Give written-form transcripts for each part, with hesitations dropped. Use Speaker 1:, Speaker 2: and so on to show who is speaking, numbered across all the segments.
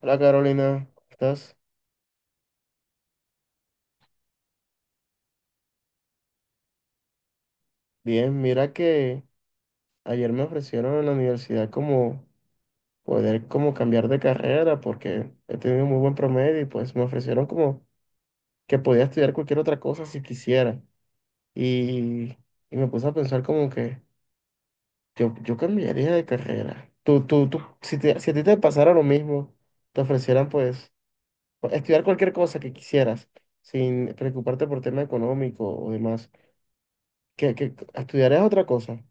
Speaker 1: Hola Carolina, ¿cómo estás? Bien, mira que ayer me ofrecieron en la universidad como poder como cambiar de carrera porque he tenido muy buen promedio y pues me ofrecieron como que podía estudiar cualquier otra cosa si quisiera. Y, y me puse a pensar como que yo cambiaría de carrera. Tú, si a ti te pasara lo mismo, te ofrecieran pues estudiar cualquier cosa que quisieras sin preocuparte por tema económico o demás, que estudiarías otra cosa.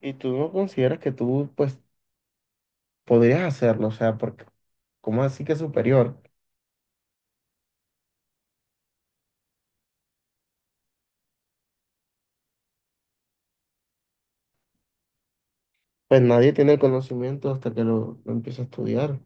Speaker 1: ¿Y tú no consideras que tú, pues, podrías hacerlo? O sea, porque, ¿cómo así que superior? Pues nadie tiene el conocimiento hasta que lo empieza a estudiar.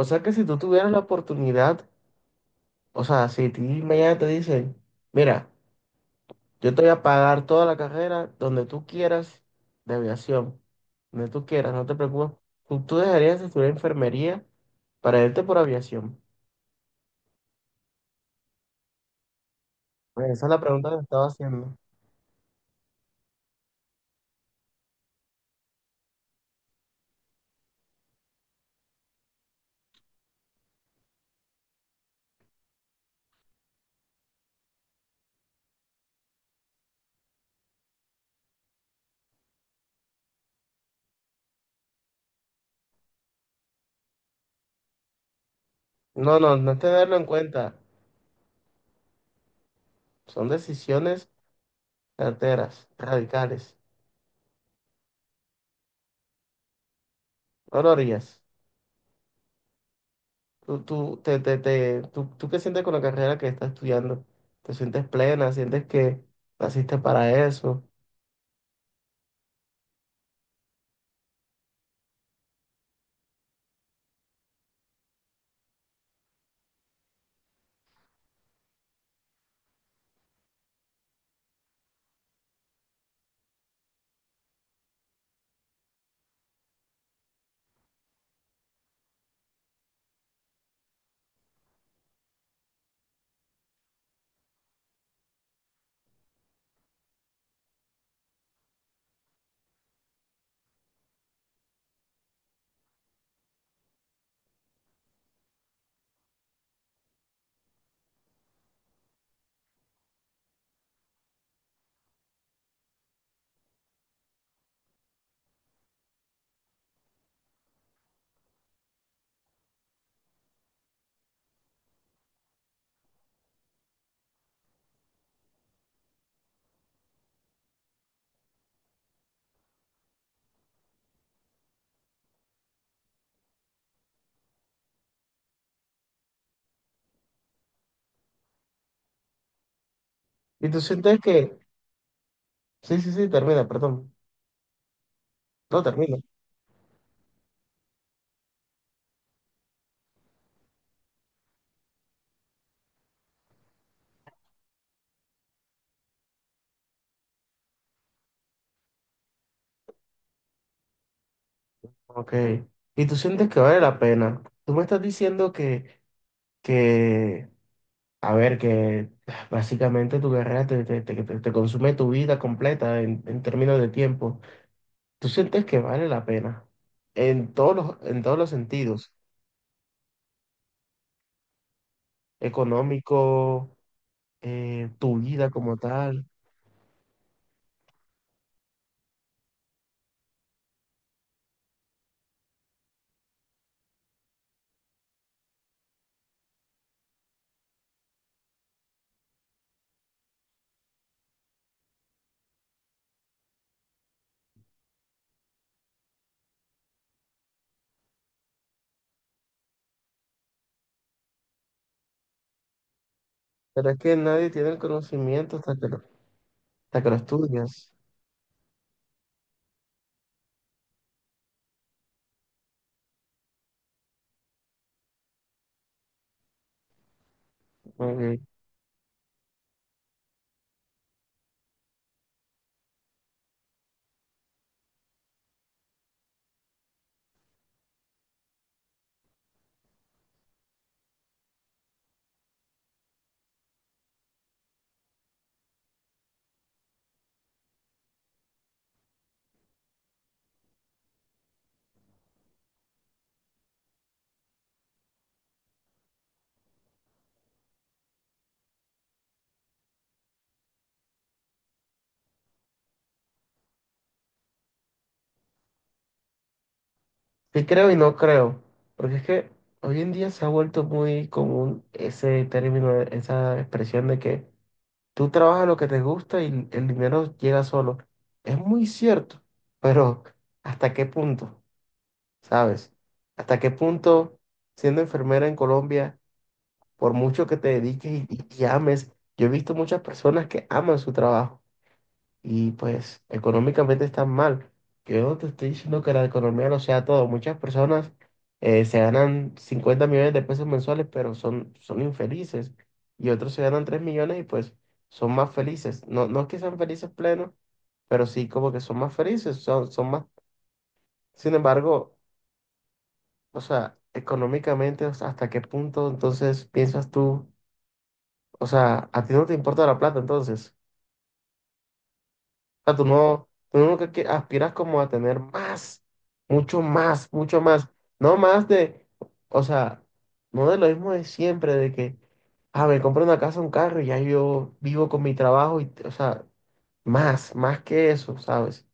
Speaker 1: O sea que si tú tuvieras la oportunidad, o sea, si a ti mañana te dicen, mira, yo te voy a pagar toda la carrera donde tú quieras, de aviación, donde tú quieras, no te preocupes, tú dejarías de estudiar enfermería para irte por aviación. Pues esa es la pregunta que estaba haciendo. No, no, no es tenerlo en cuenta, son decisiones carteras, radicales. No lo harías. Tú, te- tú, ¿tú qué sientes con la carrera que estás estudiando? ¿Te sientes plena? ¿Sientes que naciste para eso? ¿Y tú sientes que... Sí, sí, sí, termina, perdón. No, termina. Ok. ¿Y tú sientes que vale la pena? Tú me estás diciendo que, a ver, que básicamente tu carrera te consume tu vida completa en términos de tiempo. ¿Tú sientes que vale la pena? En en todos los sentidos. Económico, tu vida como tal. Pero es que nadie tiene el conocimiento hasta que hasta que lo estudias. Como sí creo y no creo, porque es que hoy en día se ha vuelto muy común ese término, esa expresión de que tú trabajas lo que te gusta y el dinero llega solo. Es muy cierto, pero ¿hasta qué punto? ¿Sabes? ¿Hasta qué punto siendo enfermera en Colombia? Por mucho que te dediques y ames. Yo he visto muchas personas que aman su trabajo y pues económicamente están mal. Yo no te estoy diciendo que la economía lo sea todo. Muchas personas se ganan 50 millones de pesos mensuales, pero son infelices. Y otros se ganan 3 millones y pues son más felices. No, no es que sean felices plenos, pero sí como que son más felices, son más. Sin embargo, o sea, económicamente, o sea, ¿hasta qué punto entonces piensas tú? O sea, a ti no te importa la plata entonces. O sea, tú no que aspiras como a tener más, mucho más. No más de, o sea, no de lo mismo de siempre, de que, ah, me compro una casa, un carro y ya yo vivo con mi trabajo y, o sea, más, más que eso, ¿sabes?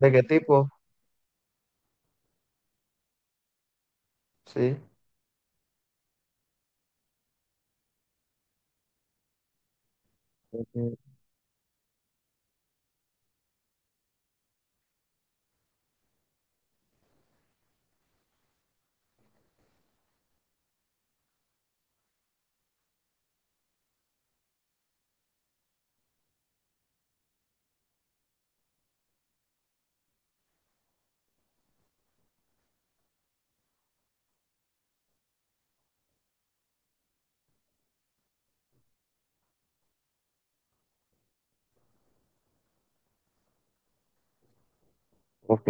Speaker 1: ¿De qué tipo? Sí. Ok, ok,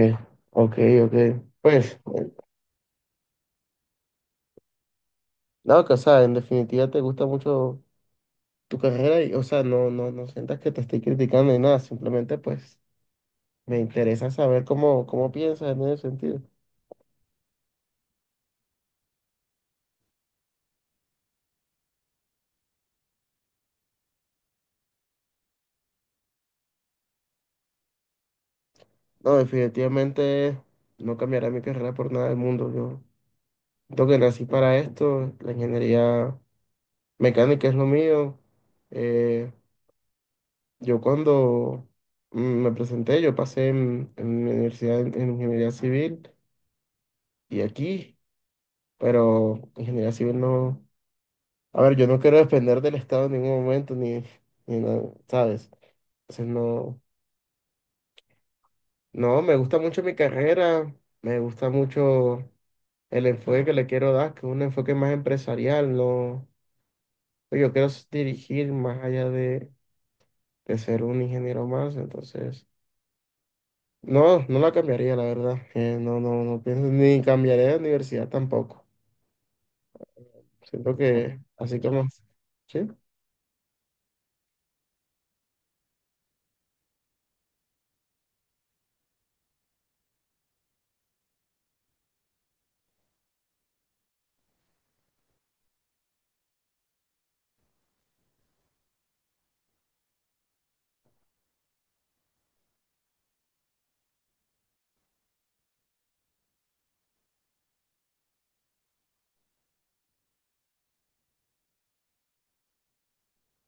Speaker 1: ok. Ok. Pues, bueno, no, que, o sea, en definitiva te gusta mucho tu carrera y, o sea, no, no sientas que te estoy criticando ni nada, simplemente pues me interesa saber cómo piensas en ese sentido. No, definitivamente no cambiaré mi carrera por nada del mundo. Yo siento que nací para esto, la ingeniería mecánica es lo mío. Eh, yo cuando me presenté, yo pasé en mi universidad en ingeniería civil y aquí, pero ingeniería civil no... A ver, yo no quiero depender del Estado en ningún momento, ni nada, ¿sabes? Entonces, no, me gusta mucho mi carrera, me gusta mucho el enfoque que le quiero dar, que es un enfoque más empresarial, no, pues, yo quiero dirigir más allá de ser un ingeniero más, entonces, no, no la cambiaría, la verdad, no pienso, ni cambiaría de universidad tampoco, siento que, así como, ¿sí?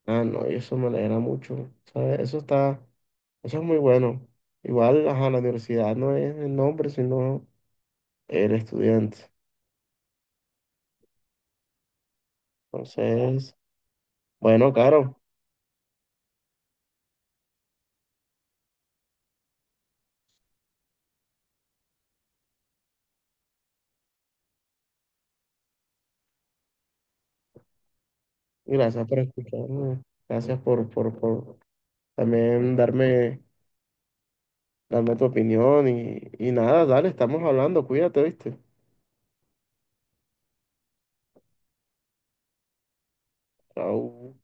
Speaker 1: Ah, no, y eso me alegra mucho, ¿sabes? Eso está, eso es muy bueno, igual, ajá, la universidad no es el nombre, sino el estudiante. Entonces, bueno, Caro, y gracias por escucharme. Gracias por también darme tu opinión y nada, dale, estamos hablando, cuídate, ¿viste? Chao.